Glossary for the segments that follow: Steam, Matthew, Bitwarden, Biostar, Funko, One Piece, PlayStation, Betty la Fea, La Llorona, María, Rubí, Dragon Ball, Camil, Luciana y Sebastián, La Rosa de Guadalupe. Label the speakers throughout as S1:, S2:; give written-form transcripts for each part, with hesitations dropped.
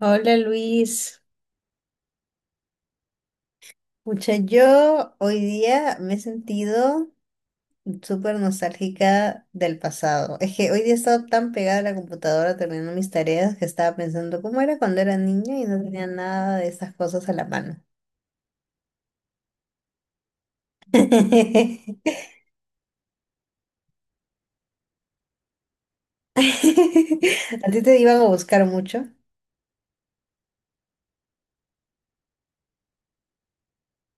S1: Hola Luis, pucha, yo hoy día me he sentido súper nostálgica del pasado. Es que hoy día he estado tan pegada a la computadora terminando mis tareas que estaba pensando cómo era cuando era niña y no tenía nada de esas cosas a la mano. ¿A ti te iban a buscar mucho?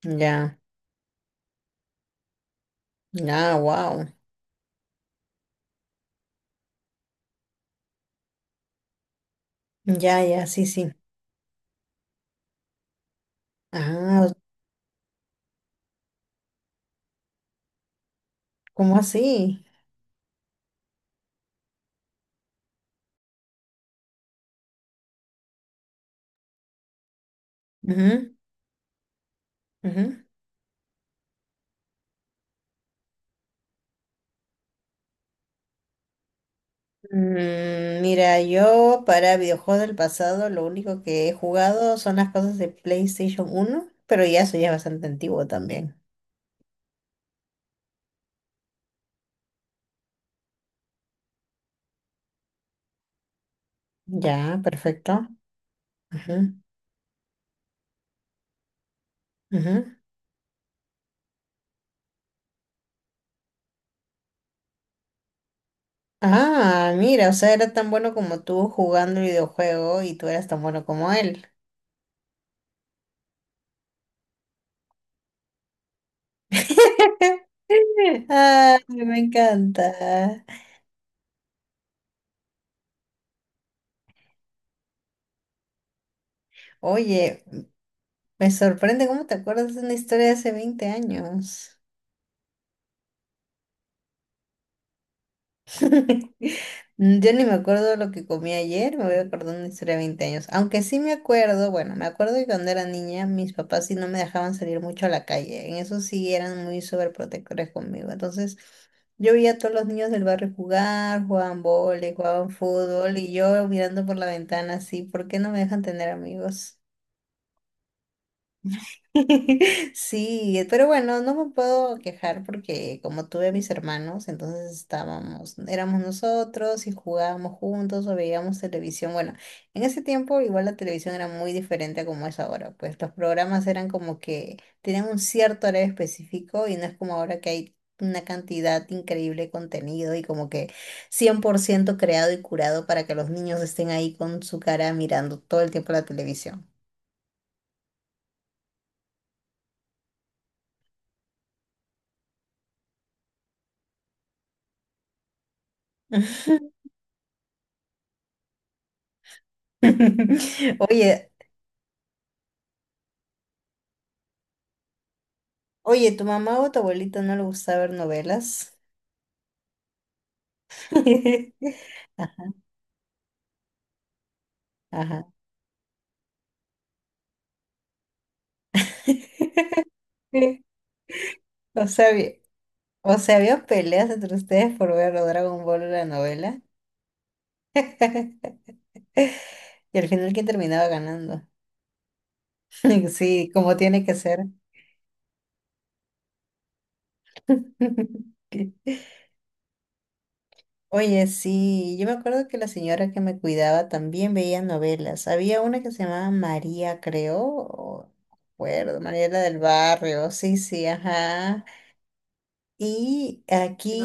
S1: Ya, ya, wow. Ya, ya, sí, sí. Ah, ¿cómo así? Ujú, ujú. Mira, yo para videojuegos del pasado lo único que he jugado son las cosas de PlayStation uno, pero ya eso ya es bastante antiguo también. Ya, perfecto. Ujú, ujú. Ah, mira, o sea, era tan bueno como tú jugando el videojuego y tú eras tan bueno como él. Ay, me encanta. Oye, me sorprende cómo te acuerdas de una historia de hace 20 años. Yo ni me acuerdo lo que comí ayer, me voy a acordar una historia de 20 años. Aunque sí me acuerdo, bueno, me acuerdo que cuando era niña mis papás sí no me dejaban salir mucho a la calle. En eso sí eran muy sobreprotectores conmigo. Entonces yo veía a todos los niños del barrio jugar, jugaban vóley, jugaban fútbol y yo mirando por la ventana así, ¿por qué no me dejan tener amigos? Sí, pero bueno, no me puedo quejar porque como tuve a mis hermanos, entonces estábamos, éramos nosotros y jugábamos juntos o veíamos televisión. Bueno, en ese tiempo igual la televisión era muy diferente a como es ahora, pues los programas eran como que tenían un cierto horario específico y no es como ahora que hay una cantidad increíble de contenido y como que 100% creado y curado para que los niños estén ahí con su cara mirando todo el tiempo la televisión. Oye, Oye, ¿tu mamá o tu abuelita no le gustaba ver novelas? Ajá. Sí. O sea, había- o sea, había peleas entre ustedes por ver o Dragon Ball o la novela. Y al final, ¿quién terminaba ganando? Sí, como tiene que ser. Sí. Oye, sí, yo me acuerdo que la señora que me cuidaba también veía novelas. Había una que se llamaba María, creo, acuerdo, María era del barrio, sí, sí, ajá. Y lo aquí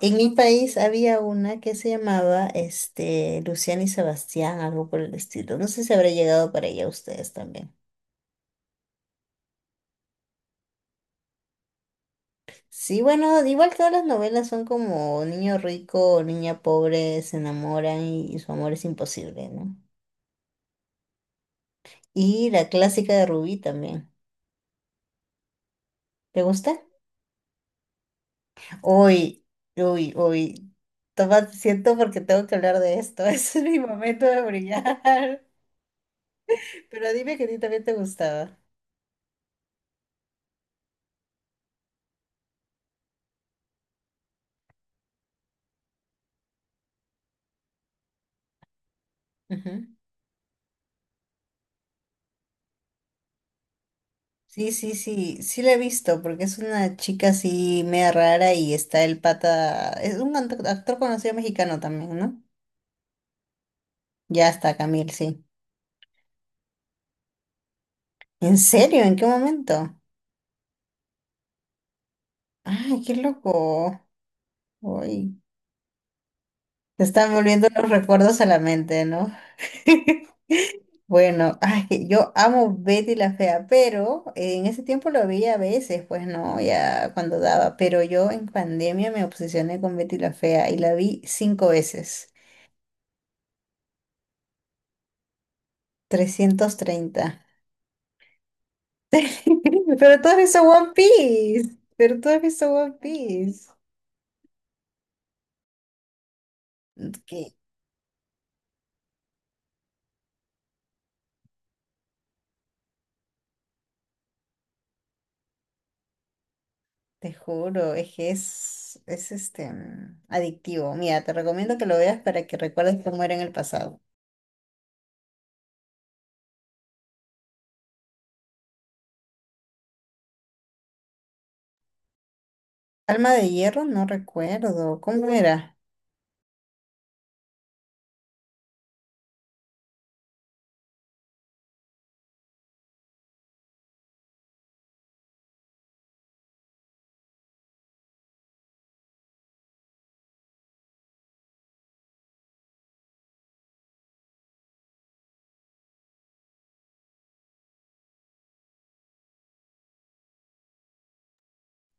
S1: en mi país había una que se llamaba este, Luciana y Sebastián, algo por el estilo. No sé si habrá llegado para allá ustedes también. Sí, bueno, igual todas las novelas son como niño rico o niña pobre se enamoran y su amor es imposible, ¿no? Y la clásica de Rubí también. ¿Te gusta? Hoy, uy, uy. Toma, siento porque tengo que hablar de esto. Ese es mi momento de brillar. Pero dime que a ti también te gustaba. Sí, sí, sí, sí la he visto, porque es una chica así media rara y está el pata, es un actor conocido mexicano también, ¿no? Ya está, Camil, sí. ¿En serio? ¿En qué momento? Ay, qué loco. Uy, te están volviendo los recuerdos a la mente, ¿no? Bueno, ay, que yo amo Betty la Fea, pero en ese tiempo lo veía a veces, pues no, ya cuando daba, pero yo en pandemia me obsesioné con Betty la Fea y la vi cinco veces. 330. Pero tú has visto One Piece. Pero tú has visto One Piece. Que Te juro, es que es este, adictivo. Mira, te recomiendo que lo veas para que recuerdes cómo era en el pasado. Alma de hierro, no recuerdo. ¿Cómo era?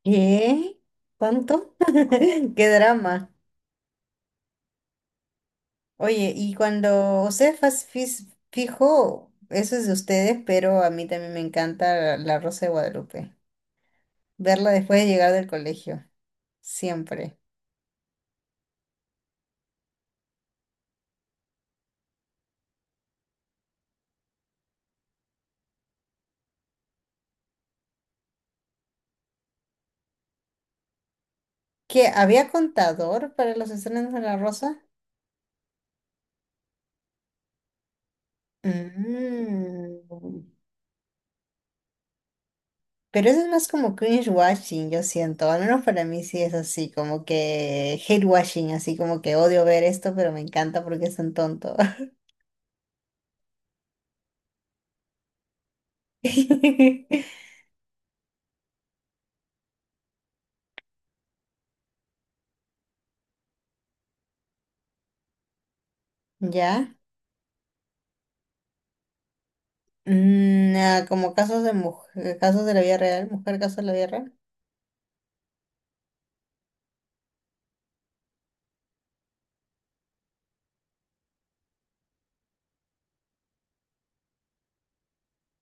S1: ¿Qué? ¿Cuánto? ¿Qué drama? Oye, y cuando ustedes fijo, eso es de ustedes, pero a mí también me encanta La Rosa de Guadalupe. Verla después de llegar del colegio. Siempre. ¿Qué? ¿Había contador para los estrenos de La Rosa? Mm, Pero eso es más como cringe watching, yo siento. Al menos para mí sí es así, como que hate watching, así como que odio ver esto, pero me encanta porque es tan tonto. ¿Ya? Ah, como casos de mujer, casos de la vida real, mujer casos de la vida real.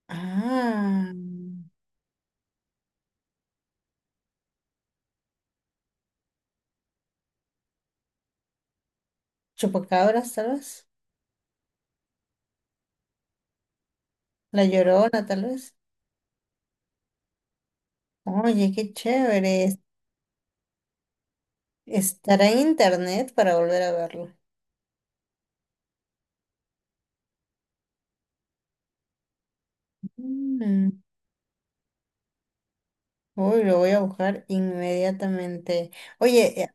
S1: Ah, chupacabras, tal vez. La Llorona, tal vez. Oye, qué chévere. Estará en internet para volver a verlo. Mm, Uy, lo voy a buscar inmediatamente. Oye,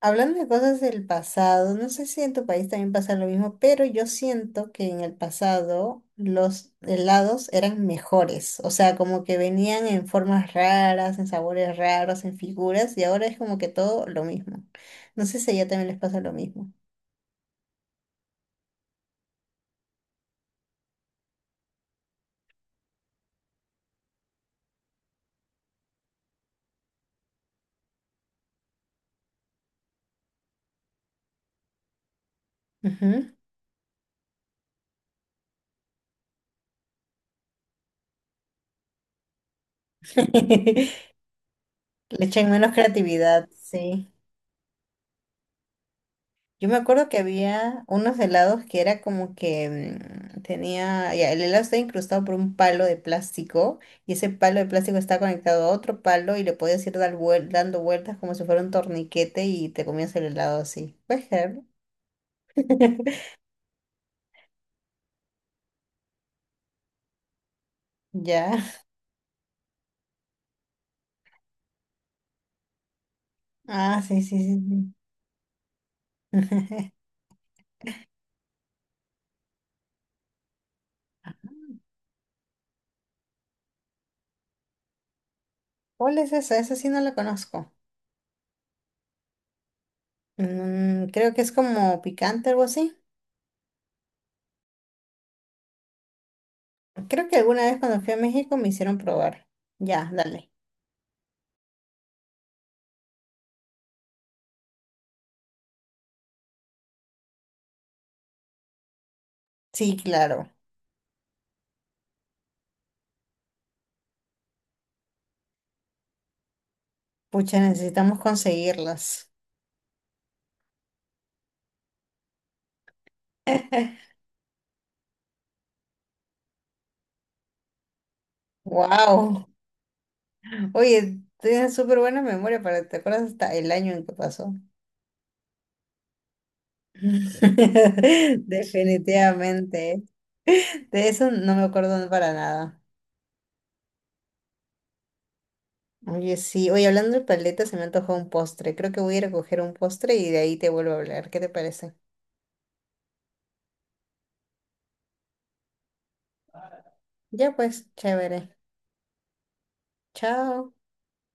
S1: hablando de cosas del pasado, no sé si en tu país también pasa lo mismo, pero yo siento que en el pasado los helados eran mejores. O sea, como que venían en formas raras, en sabores raros, en figuras, y ahora es como que todo lo mismo. No sé si a ella también les pasa lo mismo. Ujú. Le echan menos creatividad, sí. Yo me acuerdo que había unos helados que era como que tenía, ya, el helado estaba incrustado por un palo de plástico y ese palo de plástico está conectado a otro palo y le podías ir dando vueltas como si fuera un torniquete y te comías el helado así. ¿Puedes creerlo? Ya. Ah, sí, sí, sí. Sí. ¿Cuál es esa? Esa sí no la conozco. Creo que es como picante, algo así. Creo que alguna vez cuando fui a México me hicieron probar. Ya, dale. Sí, claro. Pucha, necesitamos conseguirlas. Wow. Oye, tienes súper buena memoria para te acuerdas hasta el año en que pasó. Definitivamente. De eso no me acuerdo para nada. Oye, sí. Oye, hablando de paletas, se me antojó un postre. Creo que voy a ir a coger un postre y de ahí te vuelvo a hablar. ¿Qué te parece? Ya pues, chévere. Chao.